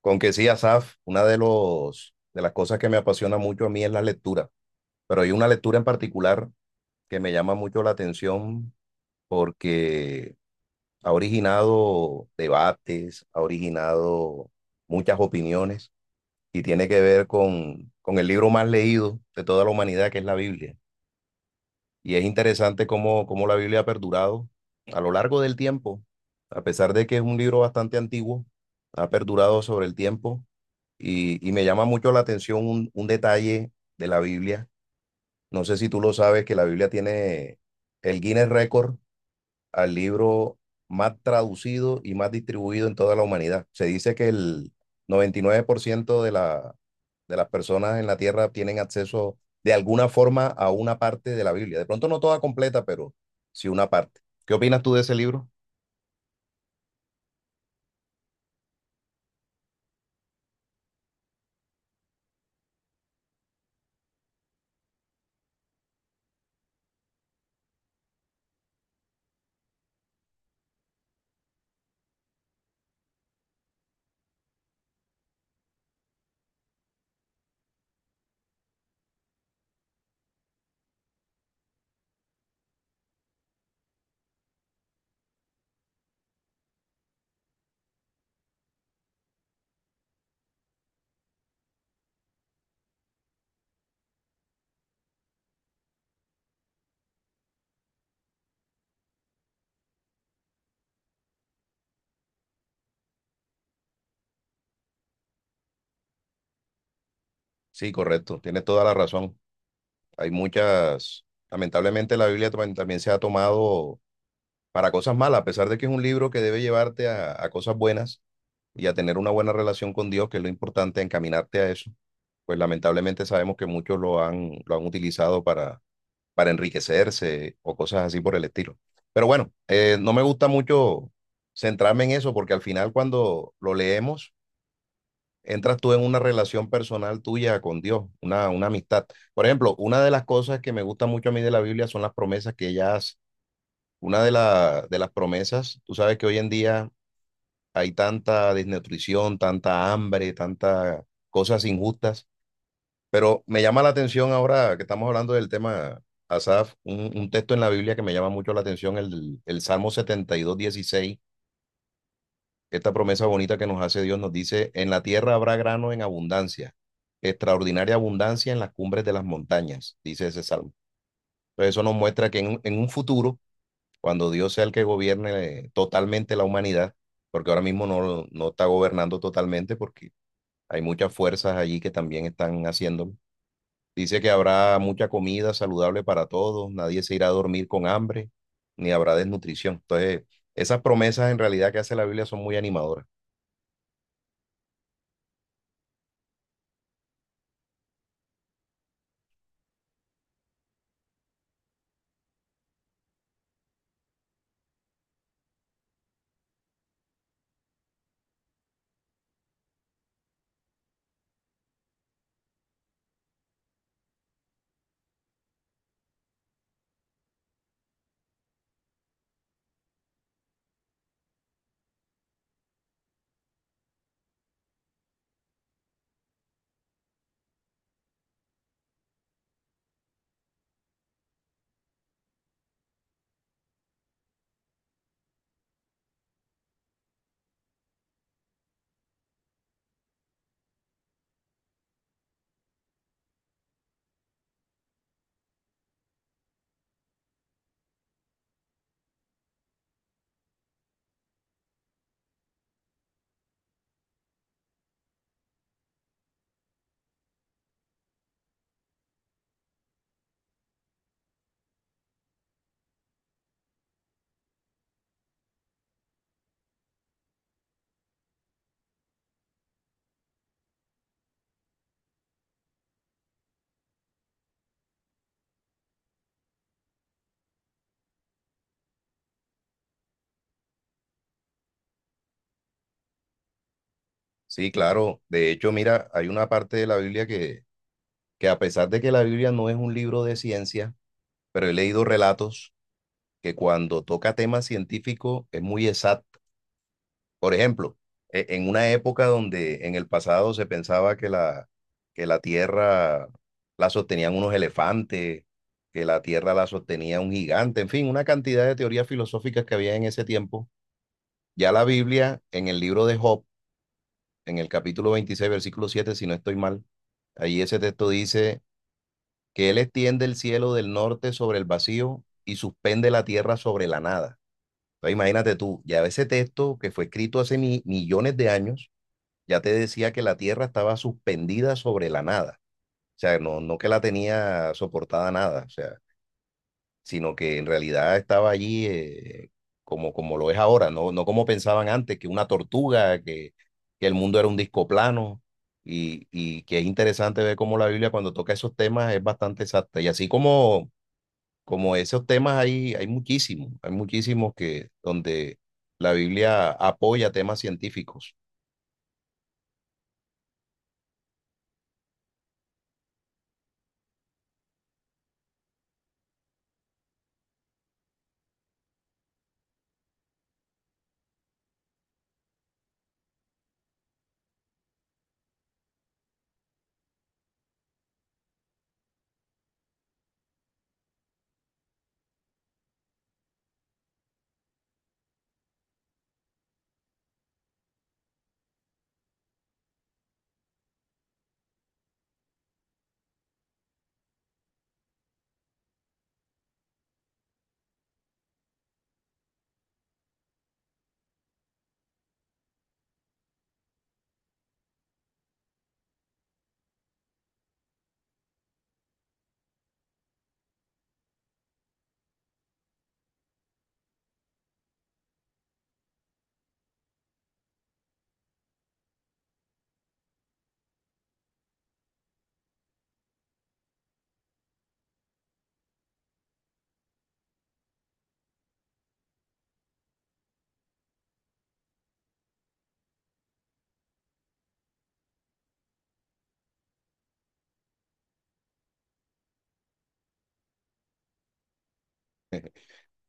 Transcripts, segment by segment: Con que sí, Asaf, una de las cosas que me apasiona mucho a mí es la lectura, pero hay una lectura en particular que me llama mucho la atención porque ha originado debates, ha originado muchas opiniones y tiene que ver con el libro más leído de toda la humanidad, que es la Biblia. Y es interesante cómo la Biblia ha perdurado a lo largo del tiempo, a pesar de que es un libro bastante antiguo, ha perdurado sobre el tiempo y me llama mucho la atención un detalle de la Biblia. No sé si tú lo sabes, que la Biblia tiene el Guinness Record al libro más traducido y más distribuido en toda la humanidad. Se dice que el 99% de de las personas en la Tierra tienen acceso de alguna forma a una parte de la Biblia. De pronto no toda completa, pero sí una parte. ¿Qué opinas tú de ese libro? Sí, correcto, tienes toda la razón. Hay muchas, lamentablemente la Biblia también se ha tomado para cosas malas, a pesar de que es un libro que debe llevarte a cosas buenas, y a tener una buena relación con Dios, que es lo importante, encaminarte a eso, pues lamentablemente sabemos que muchos lo han utilizado para enriquecerse o cosas así por el estilo. Pero bueno, no me gusta mucho centrarme en eso porque al final cuando lo leemos, entras tú en una relación personal tuya con Dios, una amistad. Por ejemplo, una de las cosas que me gusta mucho a mí de la Biblia son las promesas que ella hace. Una de las promesas, tú sabes que hoy en día hay tanta desnutrición, tanta hambre, tantas cosas injustas. Pero me llama la atención ahora que estamos hablando del tema, Asaf, un texto en la Biblia que me llama mucho la atención, el Salmo 72:16. Esta promesa bonita que nos hace Dios nos dice, en la tierra habrá grano en abundancia, extraordinaria abundancia en las cumbres de las montañas, dice ese salmo. Entonces eso nos muestra que en un futuro, cuando Dios sea el que gobierne totalmente la humanidad, porque ahora mismo no está gobernando totalmente porque hay muchas fuerzas allí que también están haciéndolo. Dice que habrá mucha comida saludable para todos, nadie se irá a dormir con hambre, ni habrá desnutrición. Entonces, esas promesas en realidad que hace la Biblia son muy animadoras. Sí, claro. De hecho, mira, hay una parte de la Biblia que a pesar de que la Biblia no es un libro de ciencia, pero he leído relatos que cuando toca temas científicos es muy exacto. Por ejemplo, en una época donde en el pasado se pensaba que la tierra la sostenían unos elefantes, que la tierra la sostenía un gigante, en fin, una cantidad de teorías filosóficas que había en ese tiempo. Ya la Biblia, en el libro de Job, en el capítulo 26 versículo 7, si no estoy mal, ahí ese texto dice que él extiende el cielo del norte sobre el vacío y suspende la tierra sobre la nada. Entonces, imagínate tú, ya ese texto que fue escrito hace millones de años ya te decía que la Tierra estaba suspendida sobre la nada. O sea, no que la tenía soportada nada, o sea, sino que en realidad estaba allí, como lo es ahora, no como pensaban antes, que una tortuga, que el mundo era un disco plano. Y que es interesante ver cómo la Biblia cuando toca esos temas es bastante exacta. Y así como esos temas hay, muchísimos, hay muchísimos que donde la Biblia apoya temas científicos.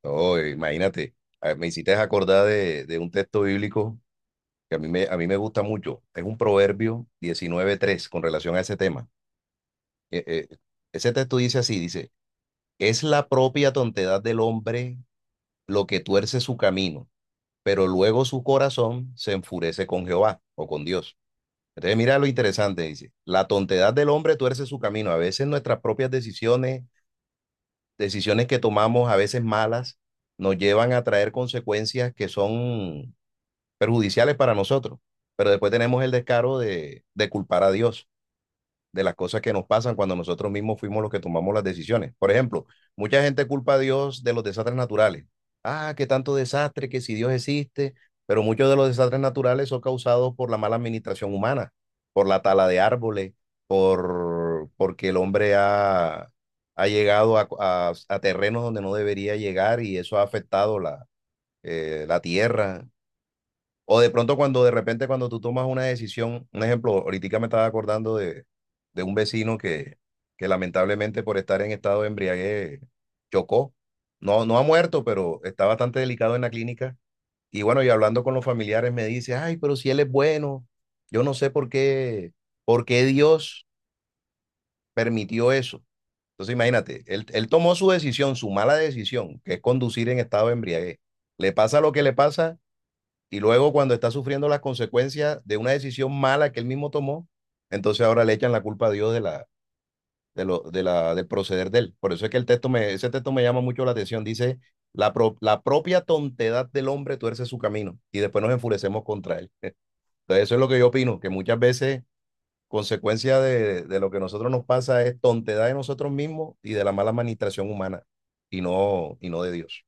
No, imagínate, me hiciste acordar de un texto bíblico que a mí me gusta mucho. Es un Proverbio 19:3 con relación a ese tema. Eh, eh, ese texto dice así, dice, es la propia tontedad del hombre lo que tuerce su camino, pero luego su corazón se enfurece con Jehová o con Dios. Entonces mira lo interesante, dice, la tontedad del hombre tuerce su camino. A veces nuestras propias decisiones, decisiones que tomamos a veces malas, nos llevan a traer consecuencias que son perjudiciales para nosotros, pero después tenemos el descaro de culpar a Dios de las cosas que nos pasan cuando nosotros mismos fuimos los que tomamos las decisiones. Por ejemplo, mucha gente culpa a Dios de los desastres naturales. Ah, qué tanto desastre, que si Dios existe, pero muchos de los desastres naturales son causados por la mala administración humana, por la tala de árboles, porque el hombre ha llegado a terrenos donde no debería llegar y eso ha afectado la tierra. O de pronto cuando de repente cuando tú tomas una decisión, un ejemplo, ahorita me estaba acordando de un vecino que lamentablemente por estar en estado de embriaguez chocó. No, no ha muerto, pero está bastante delicado en la clínica. Y bueno, y hablando con los familiares me dice, ay, pero si él es bueno, yo no sé por qué Dios permitió eso. Entonces imagínate, él tomó su decisión, su mala decisión, que es conducir en estado de embriaguez. Le pasa lo que le pasa, y luego cuando está sufriendo las consecuencias de una decisión mala que él mismo tomó, entonces ahora le echan la culpa a Dios de la, de lo, de la, del proceder de él. Por eso es que ese texto me llama mucho la atención. Dice, la propia tontedad del hombre tuerce su camino y después nos enfurecemos contra él. Entonces eso es lo que yo opino, que muchas veces consecuencia de lo que a nosotros nos pasa es tontedad de nosotros mismos y de la mala administración humana y no de Dios.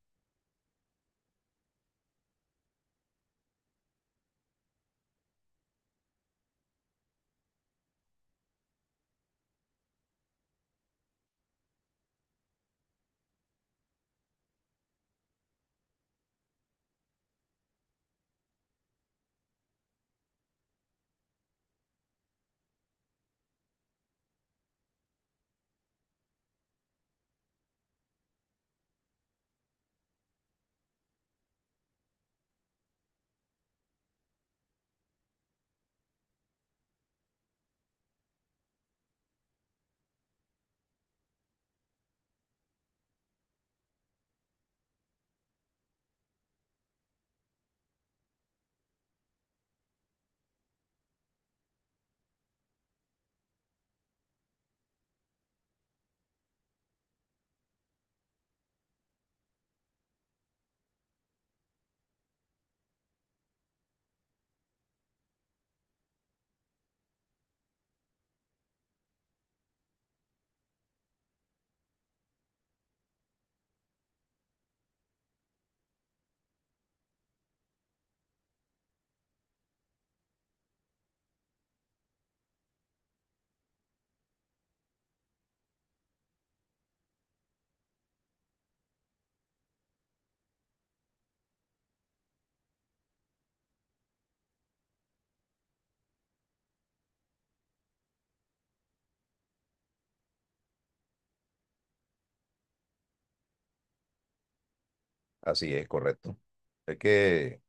Así es, correcto. Es que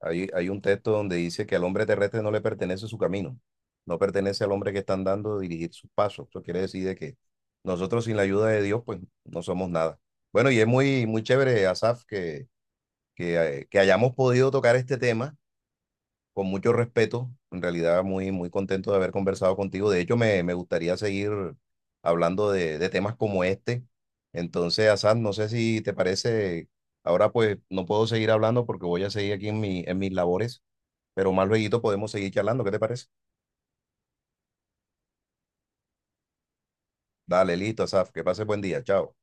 hay un texto donde dice que al hombre terrestre no le pertenece su camino, no pertenece al hombre que está andando dirigir sus pasos. Eso quiere decir de que nosotros sin la ayuda de Dios, pues no somos nada. Bueno, y es muy, muy chévere, Asaf, que hayamos podido tocar este tema con mucho respeto, en realidad muy, muy contento de haber conversado contigo. De hecho, me gustaría seguir hablando de temas como este. Entonces, Hassan, no sé si te parece, ahora pues no puedo seguir hablando porque voy a seguir aquí en mis labores, pero más luego podemos seguir charlando, ¿qué te parece? Dale, listo, Asaf, que pases buen día, chao.